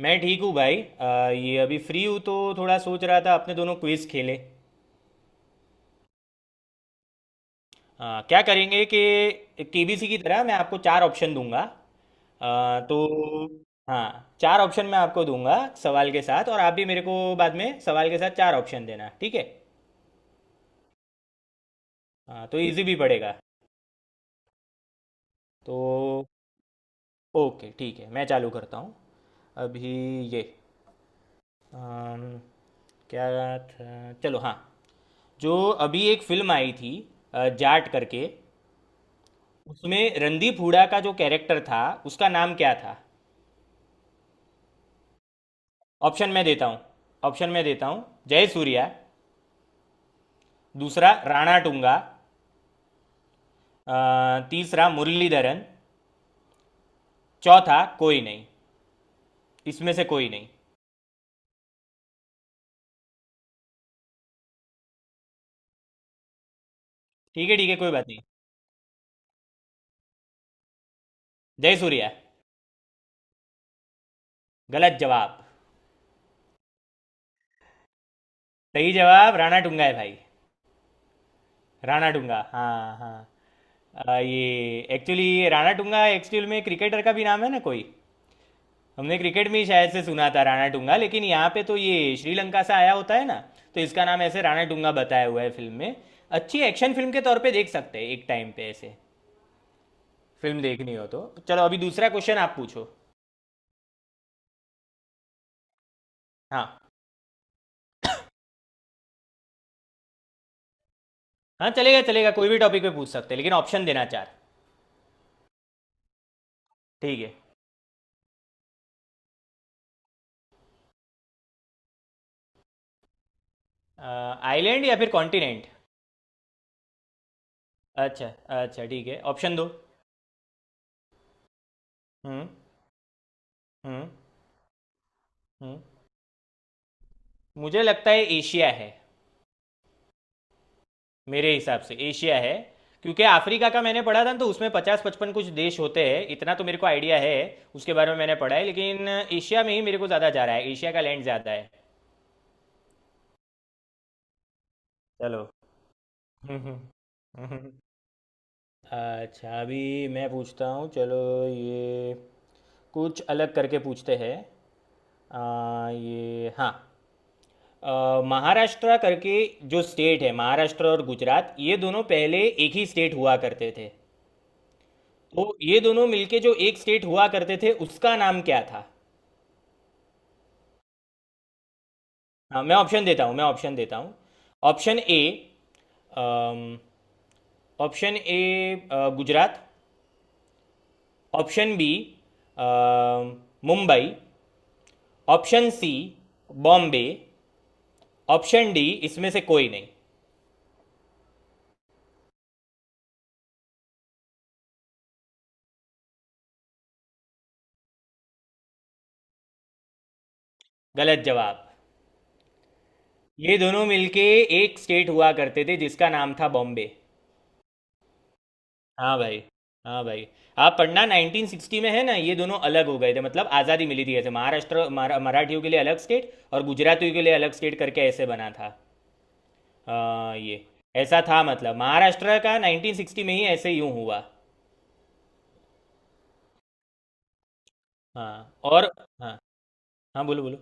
मैं ठीक हूँ भाई। ये अभी फ्री हूँ तो थोड़ा सोच रहा था अपने दोनों क्विज खेलें। क्या करेंगे कि केबीसी की तरह मैं आपको चार ऑप्शन दूंगा तो। हाँ। चार ऑप्शन मैं आपको दूंगा सवाल के साथ, और आप भी मेरे को बाद में सवाल के साथ चार ऑप्शन देना, ठीक है। हाँ, तो इजी भी पड़ेगा। तो ओके, ठीक है, मैं चालू करता हूँ अभी ये अम, क्या था। चलो। हाँ, जो अभी एक फिल्म आई थी जाट करके, उसमें रणदीप हुडा का जो कैरेक्टर था उसका नाम क्या था। ऑप्शन मैं देता हूँ। ऑप्शन मैं देता हूँ। जय सूर्या। दूसरा राणा टुंगा। अ, तीसरा मुरलीधरन। चौथा कोई नहीं। इसमें से कोई नहीं। ठीक है ठीक है, कोई बात नहीं। जय सूर्या। गलत जवाब। सही जवाब राणा टुंगा है भाई। राणा टुंगा, हाँ हाँ। ये एक्चुअली राणा टुंगा, एक्चुअल में क्रिकेटर का भी नाम है ना कोई। हमने क्रिकेट में ही शायद से सुना था राणा टूंगा, लेकिन यहाँ पे तो ये श्रीलंका से आया होता है ना, तो इसका नाम ऐसे राणा टूंगा बताया हुआ है फिल्म में। अच्छी एक्शन फिल्म के तौर पे देख सकते हैं एक टाइम पे ऐसे, फिल्म देखनी हो तो। चलो अभी दूसरा क्वेश्चन आप पूछो। हाँ हाँ, चलेगा चलेगा, कोई भी टॉपिक पे पूछ सकते हैं, लेकिन ऑप्शन देना चार। ठीक है। आइलैंड या फिर कॉन्टिनेंट? अच्छा। अच्छा ठीक है, ऑप्शन दो। हम्म। हम्म। हम्म। मुझे लगता है एशिया है। मेरे हिसाब से एशिया है, क्योंकि अफ्रीका का मैंने पढ़ा था ना, तो उसमें 50 55 कुछ देश होते हैं, इतना तो मेरे को आइडिया है। उसके बारे में मैंने पढ़ा है, लेकिन एशिया में ही मेरे को ज़्यादा जा रहा है, एशिया का लैंड ज़्यादा है। चलो अच्छा अभी मैं पूछता हूँ। चलो ये कुछ अलग करके पूछते हैं। ये, हाँ, महाराष्ट्र करके, जो स्टेट है, महाराष्ट्र और गुजरात, ये दोनों पहले एक ही स्टेट हुआ करते थे। तो ये दोनों मिलके जो एक स्टेट हुआ करते थे उसका नाम क्या था। हाँ, मैं ऑप्शन देता हूँ, मैं ऑप्शन देता हूँ। Option A, option A, Gujarat. Option B, Mumbai. Option C, Bombay. Option D, इसमें से कोई नहीं। गलत जवाब। ये दोनों मिलके एक स्टेट हुआ करते थे जिसका नाम था बॉम्बे। हाँ भाई। हाँ भाई, आप पढ़ना, 1960 में है ना ये दोनों अलग हो गए थे, मतलब आज़ादी मिली थी ऐसे, महाराष्ट्र मराठियों के लिए अलग स्टेट और गुजरातियों के लिए अलग स्टेट करके ऐसे बना था। हाँ, ये ऐसा था, मतलब महाराष्ट्र का 1960 में ही ऐसे यूं हुआ। हाँ और हाँ हाँ, बोलो बोलो।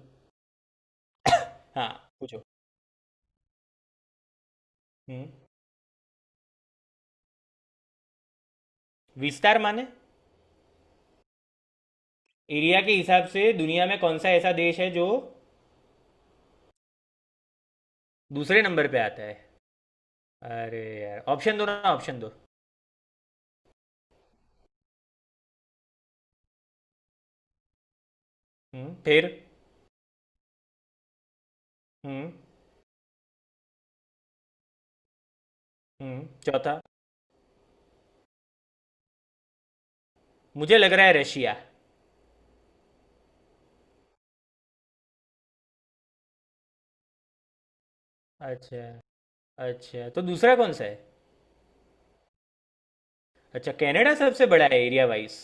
हाँ, पूछो। हम्म। विस्तार माने? एरिया के हिसाब से दुनिया में कौन सा ऐसा देश है जो दूसरे नंबर पे आता है? अरे यार ऑप्शन दो ना, ऑप्शन दो। हम्म, फिर? हम्म। हम्म, चौथा? मुझे लग रहा है रशिया। अच्छा। अच्छा, तो दूसरा कौन सा है? अच्छा, कनाडा सबसे बड़ा है एरिया वाइज।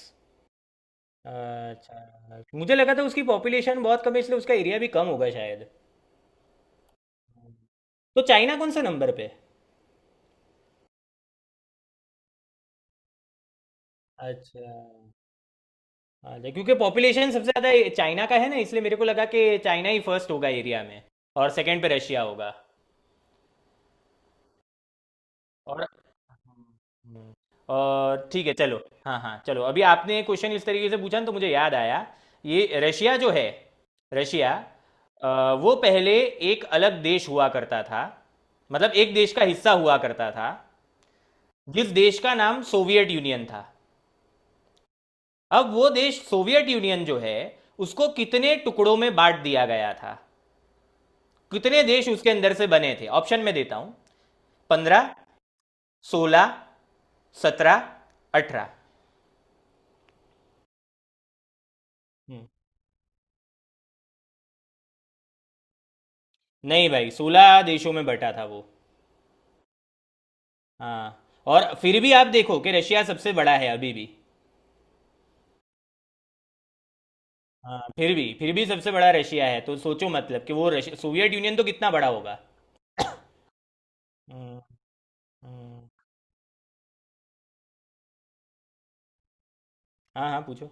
अच्छा, मुझे लगा था उसकी पॉपुलेशन बहुत कम है, इसलिए उसका एरिया भी कम होगा शायद। तो चाइना कौन सा नंबर पे है? अच्छा। अच्छा, क्योंकि पॉपुलेशन सबसे ज़्यादा चाइना का है ना, इसलिए मेरे को लगा कि चाइना ही फर्स्ट होगा एरिया में, और सेकंड पे रशिया होगा। और हम्म, और ठीक है चलो। हाँ हाँ चलो, अभी आपने क्वेश्चन इस तरीके से पूछा ना, तो मुझे याद आया। ये रशिया जो है, रशिया, वो पहले एक अलग देश हुआ करता था, मतलब एक देश का हिस्सा हुआ करता था जिस देश का नाम सोवियत यूनियन था। अब वो देश सोवियत यूनियन जो है उसको कितने टुकड़ों में बांट दिया गया था, कितने देश उसके अंदर से बने थे? ऑप्शन में देता हूँ। 15 16 17 18 नहीं भाई, 16 देशों में बटा था वो। हाँ, और फिर भी आप देखो कि रशिया सबसे बड़ा है अभी भी। हाँ, फिर भी सबसे बड़ा रशिया है, तो सोचो मतलब कि वो रश सोवियत यूनियन तो कितना बड़ा होगा। हम्म, हम्म। हाँ हाँ, पूछो।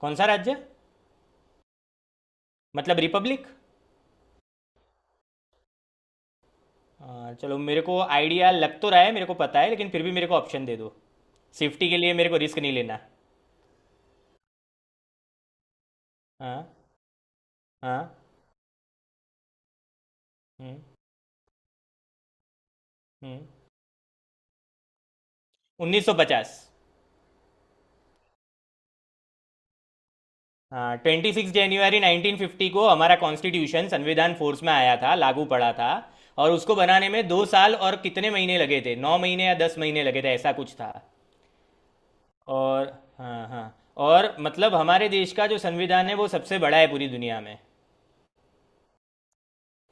कौन सा राज्य? मतलब रिपब्लिक? चलो, मेरे को आइडिया लग तो रहा है, मेरे को पता है, लेकिन फिर भी मेरे को ऑप्शन दे दो। सेफ्टी के लिए, मेरे को रिस्क नहीं लेना। हाँ। हाँ। हम्म। हम्म। उन्नीस सौ पचास। 26 जनवरी 1950 को हमारा कॉन्स्टिट्यूशन, संविधान फोर्स में आया था, लागू पड़ा था। और उसको बनाने में 2 साल और कितने महीने लगे थे, 9 महीने या 10 महीने लगे थे, ऐसा कुछ था। और हाँ हाँ, और मतलब हमारे देश का जो संविधान है वो सबसे बड़ा है पूरी दुनिया में।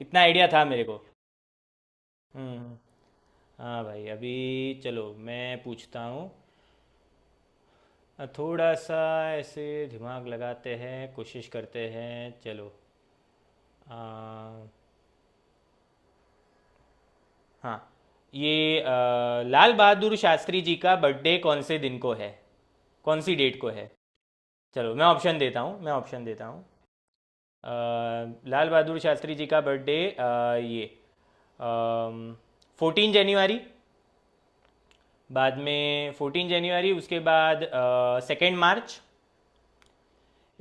इतना आइडिया था मेरे को। हम्म हम्म। हाँ भाई, अभी चलो मैं पूछता हूँ। थोड़ा सा ऐसे दिमाग लगाते हैं, कोशिश करते हैं। चलो। आ, हाँ, ये, लाल बहादुर शास्त्री जी का बर्थडे कौन से दिन को है, कौन सी डेट को है? चलो, मैं ऑप्शन देता हूँ, मैं ऑप्शन देता हूँ। अ, लाल बहादुर शास्त्री जी का बर्थडे, ये, 14 जनवरी। बाद में 14 जनवरी, उसके बाद 2 मार्च,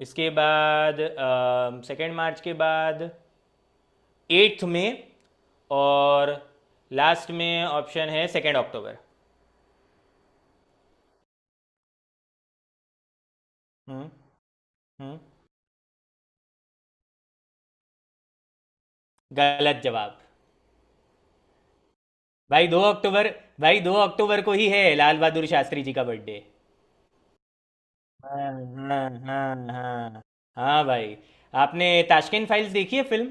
इसके बाद 2 मार्च के बाद एट्थ में, और लास्ट में ऑप्शन है 2 अक्टूबर। हम्म। हम्म। गलत जवाब। भाई, 2 अक्टूबर, भाई दो अक्टूबर को ही है लाल बहादुर शास्त्री जी का बर्थडे। हाँ हाँ हाँ, हाँ, हाँ भाई। आपने ताशकंद फाइल्स देखी है फिल्म?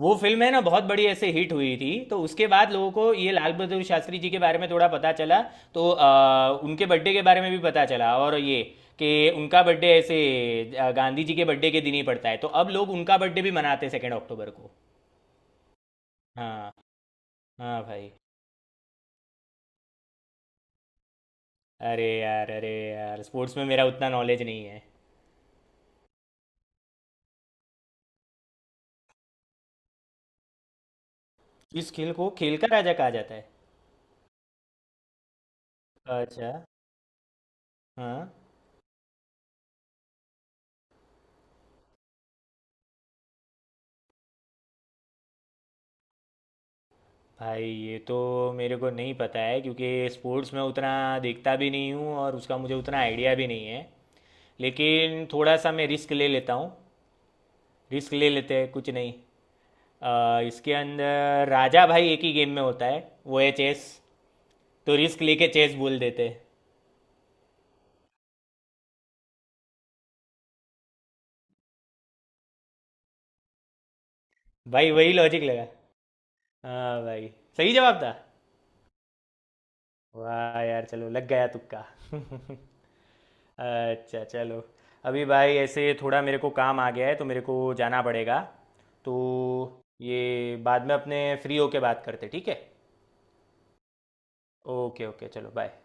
वो फिल्म है ना, बहुत बड़ी ऐसे हिट हुई थी, तो उसके बाद लोगों को ये लाल बहादुर शास्त्री जी के बारे में थोड़ा पता चला। तो उनके बर्थडे के बारे में भी पता चला, और ये कि उनका बर्थडे ऐसे गांधी जी के बर्थडे के दिन ही पड़ता है, तो अब लोग उनका बर्थडे भी मनाते हैं 2 अक्टूबर को। हाँ। हाँ भाई। अरे यार अरे यार, स्पोर्ट्स में मेरा उतना नॉलेज नहीं है। इस खेल को खेल का राजा कहा जाता है? अच्छा। हाँ। भाई ये तो मेरे को नहीं पता है, क्योंकि स्पोर्ट्स में उतना देखता भी नहीं हूँ, और उसका मुझे उतना आइडिया भी नहीं है। लेकिन थोड़ा सा मैं रिस्क ले लेता हूँ। रिस्क ले लेते हैं, कुछ नहीं। इसके अंदर राजा भाई एक ही गेम में होता है, वो है चेस। तो रिस्क लेके चेस बोल देते हैं। भाई, वही लॉजिक लगा। हाँ भाई। सही जवाब था। वाह यार, चलो लग गया तुक्का अच्छा चलो। अभी भाई ऐसे थोड़ा मेरे को काम आ गया है, तो मेरे को जाना पड़ेगा। तो ये बाद में अपने फ्री होके बात करते, ठीक है। ओके ओके, चलो बाय।